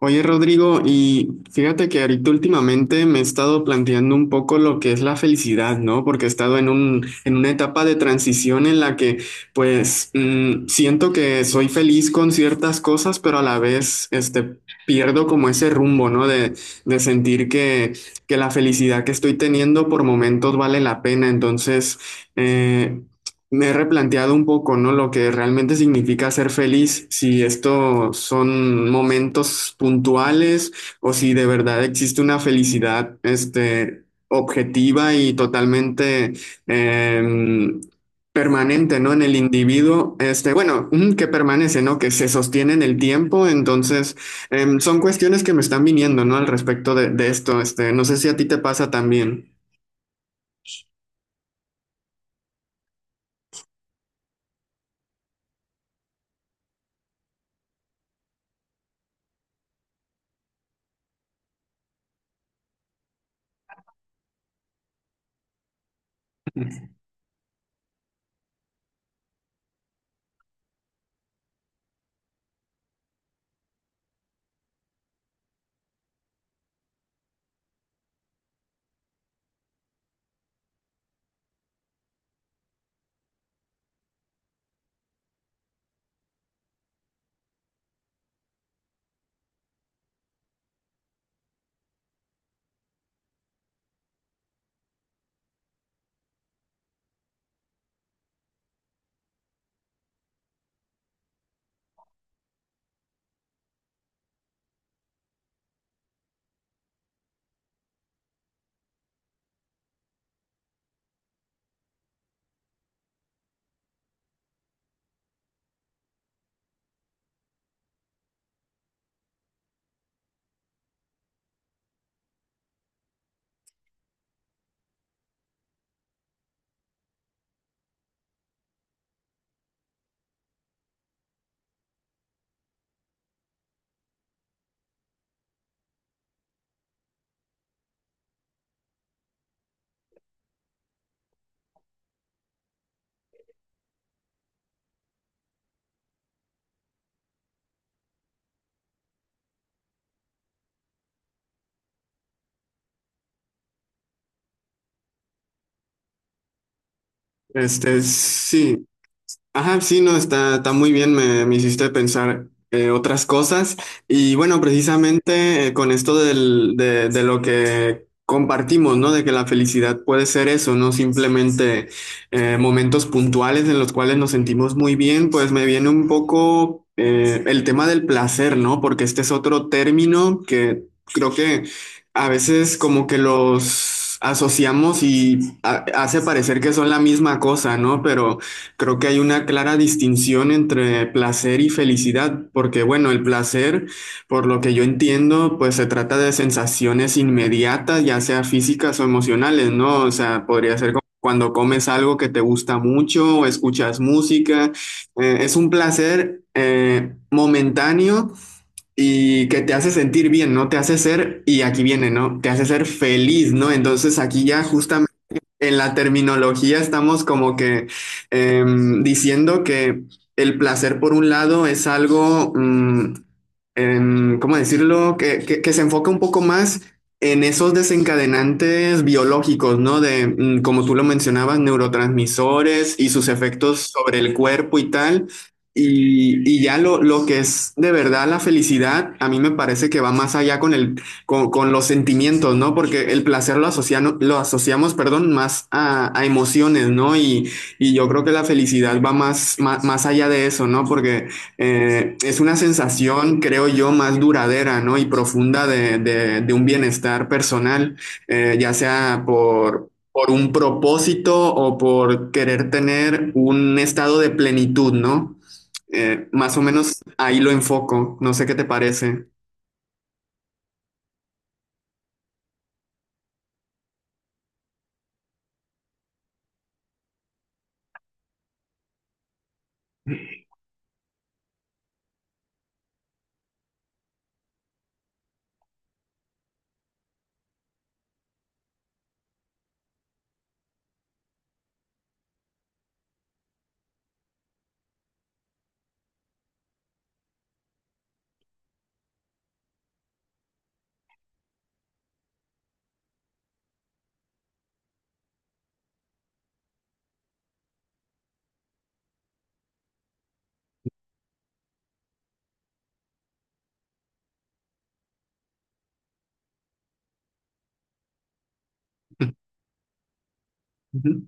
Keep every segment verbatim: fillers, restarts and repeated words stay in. Oye, Rodrigo, y fíjate que ahorita últimamente me he estado planteando un poco lo que es la felicidad, ¿no? Porque he estado en un, en una etapa de transición en la que, pues, mm, siento que soy feliz con ciertas cosas, pero a la vez, este, pierdo como ese rumbo, ¿no? De, de sentir que, que la felicidad que estoy teniendo por momentos vale la pena. Entonces, eh, me he replanteado un poco, ¿no? Lo que realmente significa ser feliz, si esto son momentos puntuales o si de verdad existe una felicidad, este, objetiva y totalmente em, permanente, ¿no? En el individuo, este, bueno, mm, que permanece, ¿no? Que se sostiene en el tiempo. Entonces, em, son cuestiones que me están viniendo, ¿no? Al respecto de, de esto, este, no sé si a ti te pasa también. Este, sí. Ajá, sí, no, está, está muy bien, me, me hiciste pensar eh, otras cosas. Y bueno, precisamente eh, con esto del- de, de lo que compartimos, ¿no? De que la felicidad puede ser eso, no simplemente eh, momentos puntuales en los cuales nos sentimos muy bien, pues me viene un poco eh, el tema del placer, ¿no? Porque este es otro término que creo que a veces como que los asociamos y ha- hace parecer que son la misma cosa, ¿no? Pero... Creo que hay una clara distinción entre placer y felicidad, porque bueno, el placer, por lo que yo entiendo, pues se trata de sensaciones inmediatas, ya sea físicas o emocionales, ¿no? O sea, podría ser como cuando comes algo que te gusta mucho o escuchas música. Eh, es un placer eh, momentáneo y que te hace sentir bien, ¿no? Te hace ser, y aquí viene, ¿no? Te hace ser feliz, ¿no? Entonces aquí ya justamente en la terminología estamos como que eh, diciendo que el placer, por un lado, es algo, mm, em, ¿cómo decirlo?, que, que- que se enfoca un poco más en esos desencadenantes biológicos, ¿no? De, mm, como tú lo mencionabas, neurotransmisores y sus efectos sobre el cuerpo y tal. Y, y ya lo, lo que es de verdad la felicidad, a mí me parece que va más allá con el con, con, los sentimientos, ¿no? Porque el placer lo, asocian, lo asociamos, perdón, más a, a emociones, ¿no? Y, y, yo creo que la felicidad va más, más, más allá de eso, ¿no? Porque eh, es una sensación, creo yo, más duradera, ¿no? Y profunda de, de, de un bienestar personal, eh, ya sea por, por un propósito o por querer tener un estado de plenitud, ¿no? Eh, más o menos ahí lo enfoco, no sé qué te parece. Uh -huh.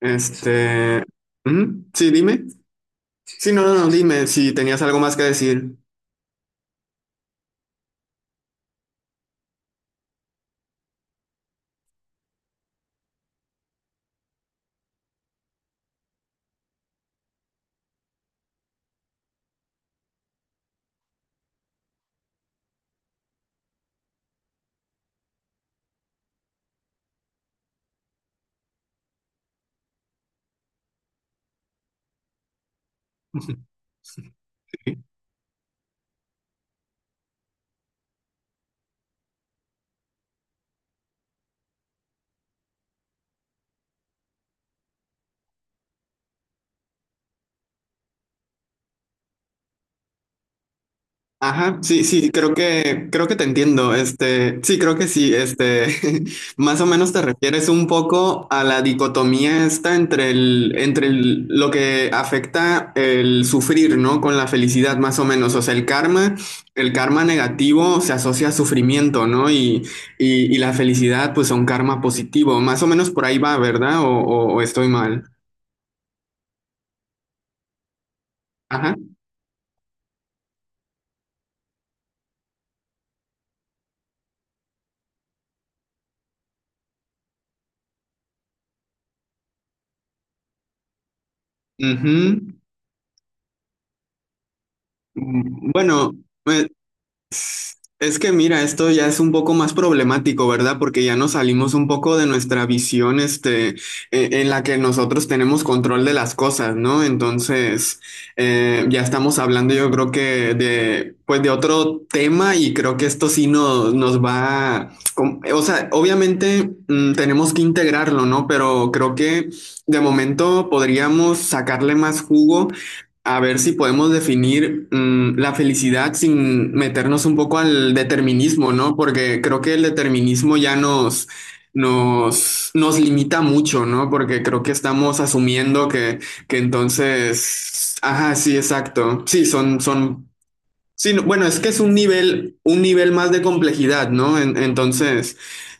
Este, ujú, sí, dime. Sí, no, no, no, dime si tenías algo más que decir. Ajá, sí, sí, creo que, creo que te entiendo. Este, sí, creo que sí. Este, más o menos te refieres un poco a la dicotomía esta entre el, entre el- lo que afecta el sufrir, ¿no? Con la felicidad, más o menos. O sea, el karma, el karma negativo se asocia a sufrimiento, ¿no? Y, y, y la felicidad, pues, a un karma positivo. Más o menos por ahí va, ¿verdad? ¿O o- o estoy mal? Ajá. Ujú. Mm, Bueno, pues, es que mira, esto ya es un poco más problemático, ¿verdad? Porque ya nos salimos un poco de nuestra visión, este, e- en la que nosotros tenemos control de las cosas, ¿no? Entonces, eh, ya estamos hablando, yo creo que de, pues, de otro tema y creo que esto sí no nos va, com- o sea, obviamente, mm, tenemos que integrarlo, ¿no? Pero creo que de momento podríamos sacarle más jugo. A ver si podemos definir mm, la felicidad sin meternos un poco al determinismo, ¿no? Porque creo que el determinismo ya nos, nos, nos limita mucho, ¿no? Porque creo que estamos asumiendo que, que entonces, ajá, sí, exacto. Sí, son, son. Sí, no, bueno, es que es un nivel, un nivel más de complejidad, ¿no? En- entonces,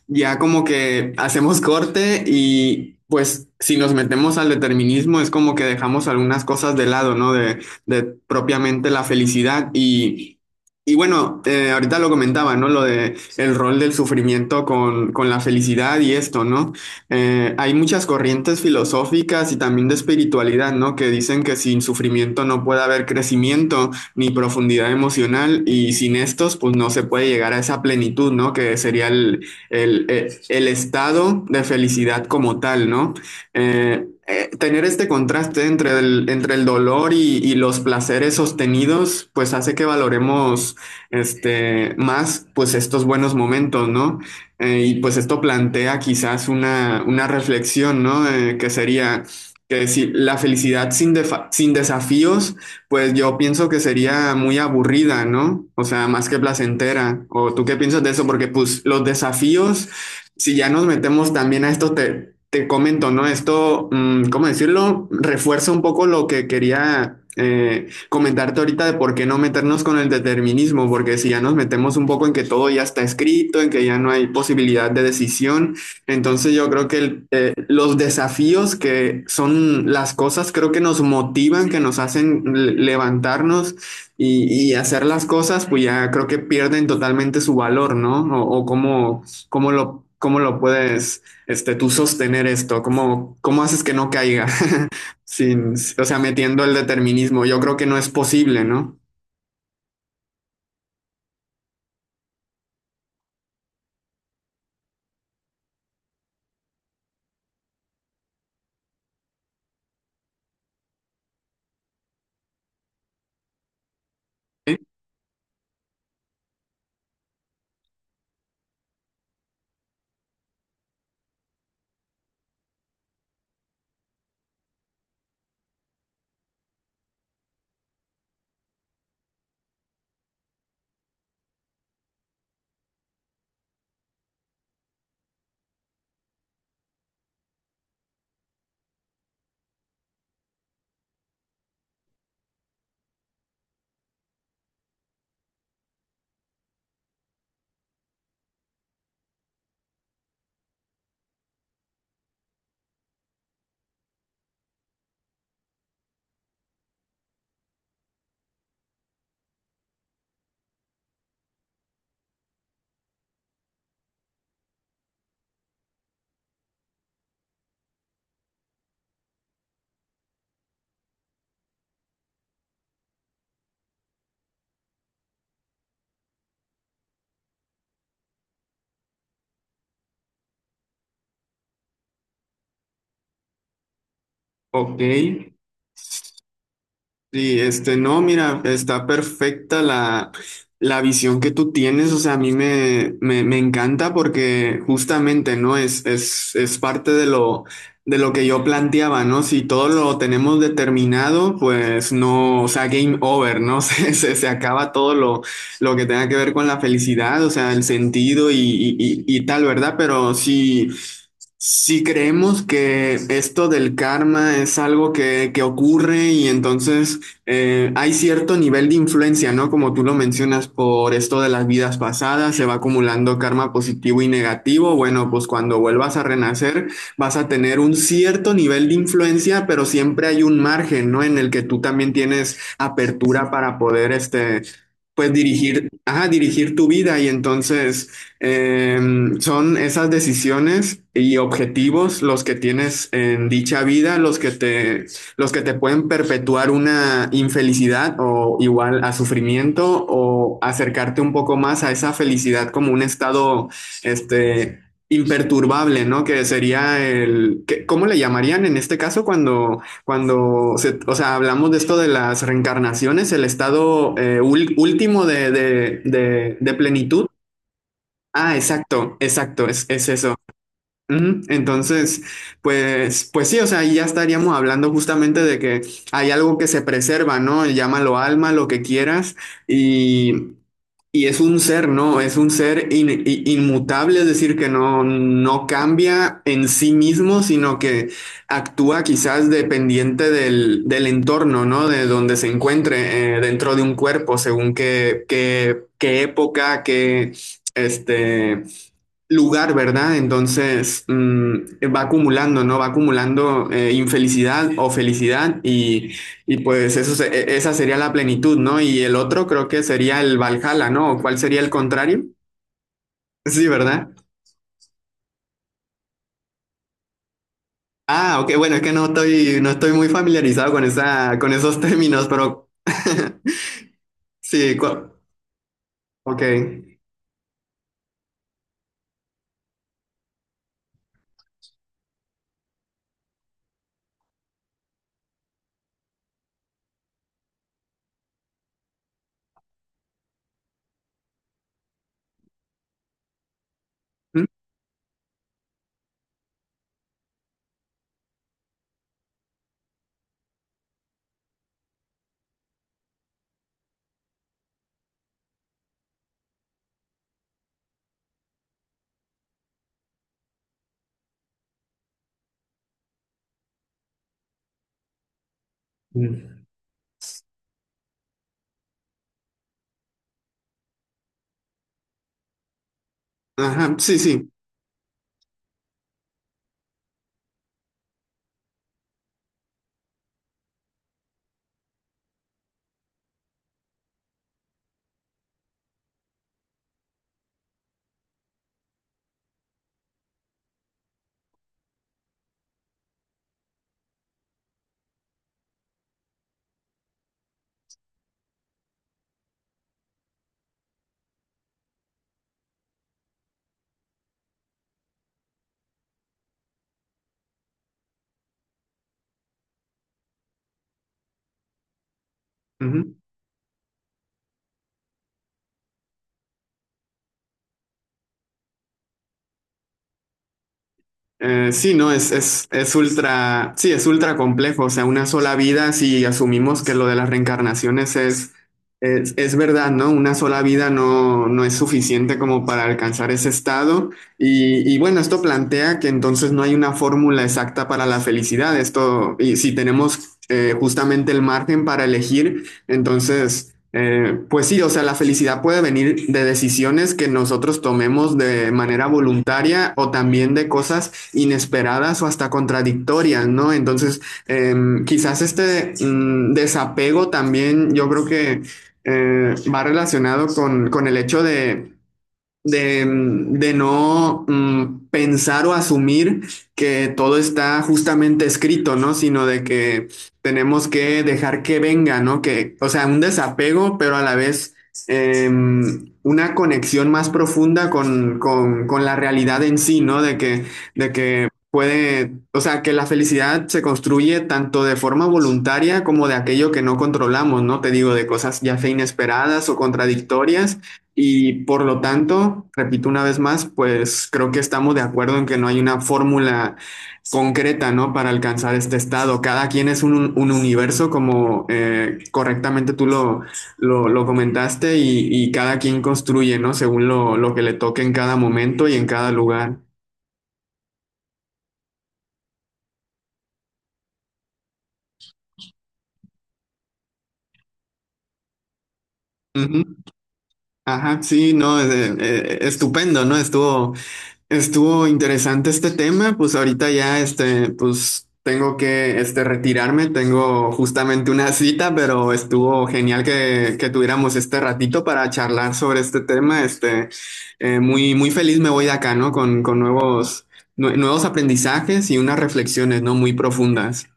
ya como que hacemos corte y pues si nos metemos al determinismo es como que dejamos algunas cosas de lado, ¿no? De, de propiamente la felicidad y, y bueno, eh, ahorita lo comentaba, ¿no? Lo de el rol del sufrimiento con, con la felicidad y esto, ¿no? Eh, hay muchas corrientes filosóficas y también de espiritualidad, ¿no? Que dicen que sin sufrimiento no puede haber crecimiento ni profundidad emocional y sin estos pues no se puede llegar a esa plenitud, ¿no? Que sería el, el, el, el estado de felicidad como tal, ¿no? Eh, eh, tener este contraste entre el, entre el dolor y, y, los placeres sostenidos, pues hace que valoremos este, más pues estos buenos momentos, ¿no? Eh, y pues esto plantea quizás una, una reflexión, ¿no? Eh, que sería que si la felicidad sin, defa- sin desafíos pues yo pienso que sería muy aburrida, ¿no? O sea, más que placentera. ¿O tú qué piensas de eso? Porque pues los desafíos, si ya nos metemos también a esto, te, te comento, ¿no? Esto, mm, ¿cómo decirlo? Refuerza un poco lo que quería eh, comentarte ahorita de por qué no meternos con el determinismo, porque si ya nos metemos un poco en que todo ya está escrito, en que ya no hay posibilidad de decisión, entonces yo creo que el los desafíos que son las cosas, creo que nos motivan, que nos hacen le- levantarnos y, y hacer las cosas, pues ya creo que pierden totalmente su valor, ¿no? O, o cómo, cómo lo, cómo lo puedes, este, tú sostener esto, cómo, cómo haces que no caiga, sin, o sea, metiendo el determinismo. Yo creo que no es posible, ¿no? Ok. Sí, este, no, mira, está perfecta la, la visión que tú tienes, o sea, a mí me, me, me encanta porque justamente, ¿no? Es, es, es parte de lo, de lo que yo planteaba, ¿no? Si todo lo tenemos determinado, pues no, o sea, game over, ¿no? Se, se, se acaba todo lo, lo que tenga que ver con la felicidad, o sea, el sentido y, y, y, y tal, ¿verdad? Pero sí. Si creemos que esto del karma es algo que, que ocurre y entonces eh, hay cierto nivel de influencia, ¿no? Como tú lo mencionas por esto de las vidas pasadas, se va acumulando karma positivo y negativo. Bueno, pues cuando vuelvas a renacer vas a tener un cierto nivel de influencia, pero siempre hay un margen, ¿no? En el que tú también tienes apertura para poder, este, pues dirigir, ajá, dirigir tu vida y entonces... Em, son esas decisiones y objetivos los que tienes en dicha vida, los que te, los que te pueden perpetuar una infelicidad o igual a sufrimiento o acercarte un poco más a esa felicidad como un estado, este, imperturbable, ¿no? Que sería el, que- ¿cómo le llamarían en este caso cuando, cuando se- o sea, hablamos de esto de las reencarnaciones, el estado eh, ul- último de, de, de de plenitud? Ah, exacto, exacto, es, es eso. Ujú. Entonces, pues, pues sí, o sea, ahí ya estaríamos hablando justamente de que hay algo que se preserva, ¿no? Llámalo alma, lo que quieras, y, y es un ser, ¿no? Es un ser in- i- inmutable, es decir, que no, no cambia en sí mismo, sino que actúa quizás dependiente del, del entorno, ¿no? De donde se encuentre eh, dentro de un cuerpo, según qué, qué, qué época, qué, este lugar, ¿verdad? Entonces mm, va acumulando, ¿no? Va acumulando eh, infelicidad o felicidad y, y pues eso se- e- esa sería la plenitud, ¿no? Y el otro creo que sería el Valhalla, ¿no? ¿O ¿Cuál sería el contrario? Sí, ¿verdad? Ah, ok, bueno, es que no estoy, no estoy muy familiarizado con esa, con esos términos, pero sí, cu- ok. Mm, mm. Ajá, sí, sí. Eh, sí, no, es, es, es ultra, sí, es ultra complejo, o sea, una sola vida, si asumimos que lo de las reencarnaciones es, es, es verdad, ¿no? Una sola vida no, no es suficiente como para alcanzar ese estado y, y bueno, esto plantea que entonces no hay una fórmula exacta para la felicidad, esto, y si tenemos eh, justamente el margen para elegir, entonces... Eh, pues sí, o sea, la felicidad puede venir de decisiones que nosotros tomemos de manera voluntaria o también de cosas inesperadas o hasta contradictorias, ¿no? Entonces, eh, quizás este mm, desapego también yo creo que eh, va relacionado con, con el hecho de de, de no mm, pensar o asumir que todo está justamente escrito, ¿no? Sino de que tenemos que dejar que venga, ¿no? Que, o sea, un desapego, pero a la vez eh, una conexión más profunda con, con, con la realidad en sí, ¿no? De que, de que puede, o sea, que la felicidad se construye tanto de forma voluntaria como de aquello que no controlamos, ¿no? Te digo, de cosas ya sea inesperadas o contradictorias y por lo tanto, repito una vez más, pues creo que estamos de acuerdo en que no hay una fórmula concreta, ¿no? Para alcanzar este estado. Cada quien es un, un universo, como eh, correctamente tú lo, lo, lo comentaste, y, y cada quien construye, ¿no? Según lo, lo que le toque en cada momento y en cada lugar. Ujú. Ajá, sí, no, eh, eh, estupendo, ¿no? Estuvo. Estuvo interesante este tema, pues ahorita ya este, pues tengo que este, retirarme, tengo justamente una cita, pero estuvo genial que, que tuviéramos este ratito para charlar sobre este tema. Este, eh, muy, muy feliz me voy de acá, ¿no? Con, con nuevos, nue- nuevos aprendizajes y unas reflexiones, ¿no? Muy profundas.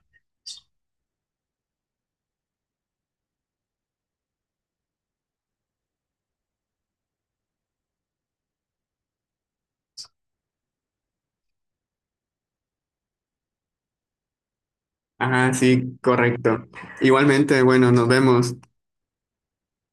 Ajá, sí, correcto. Igualmente, bueno, nos vemos.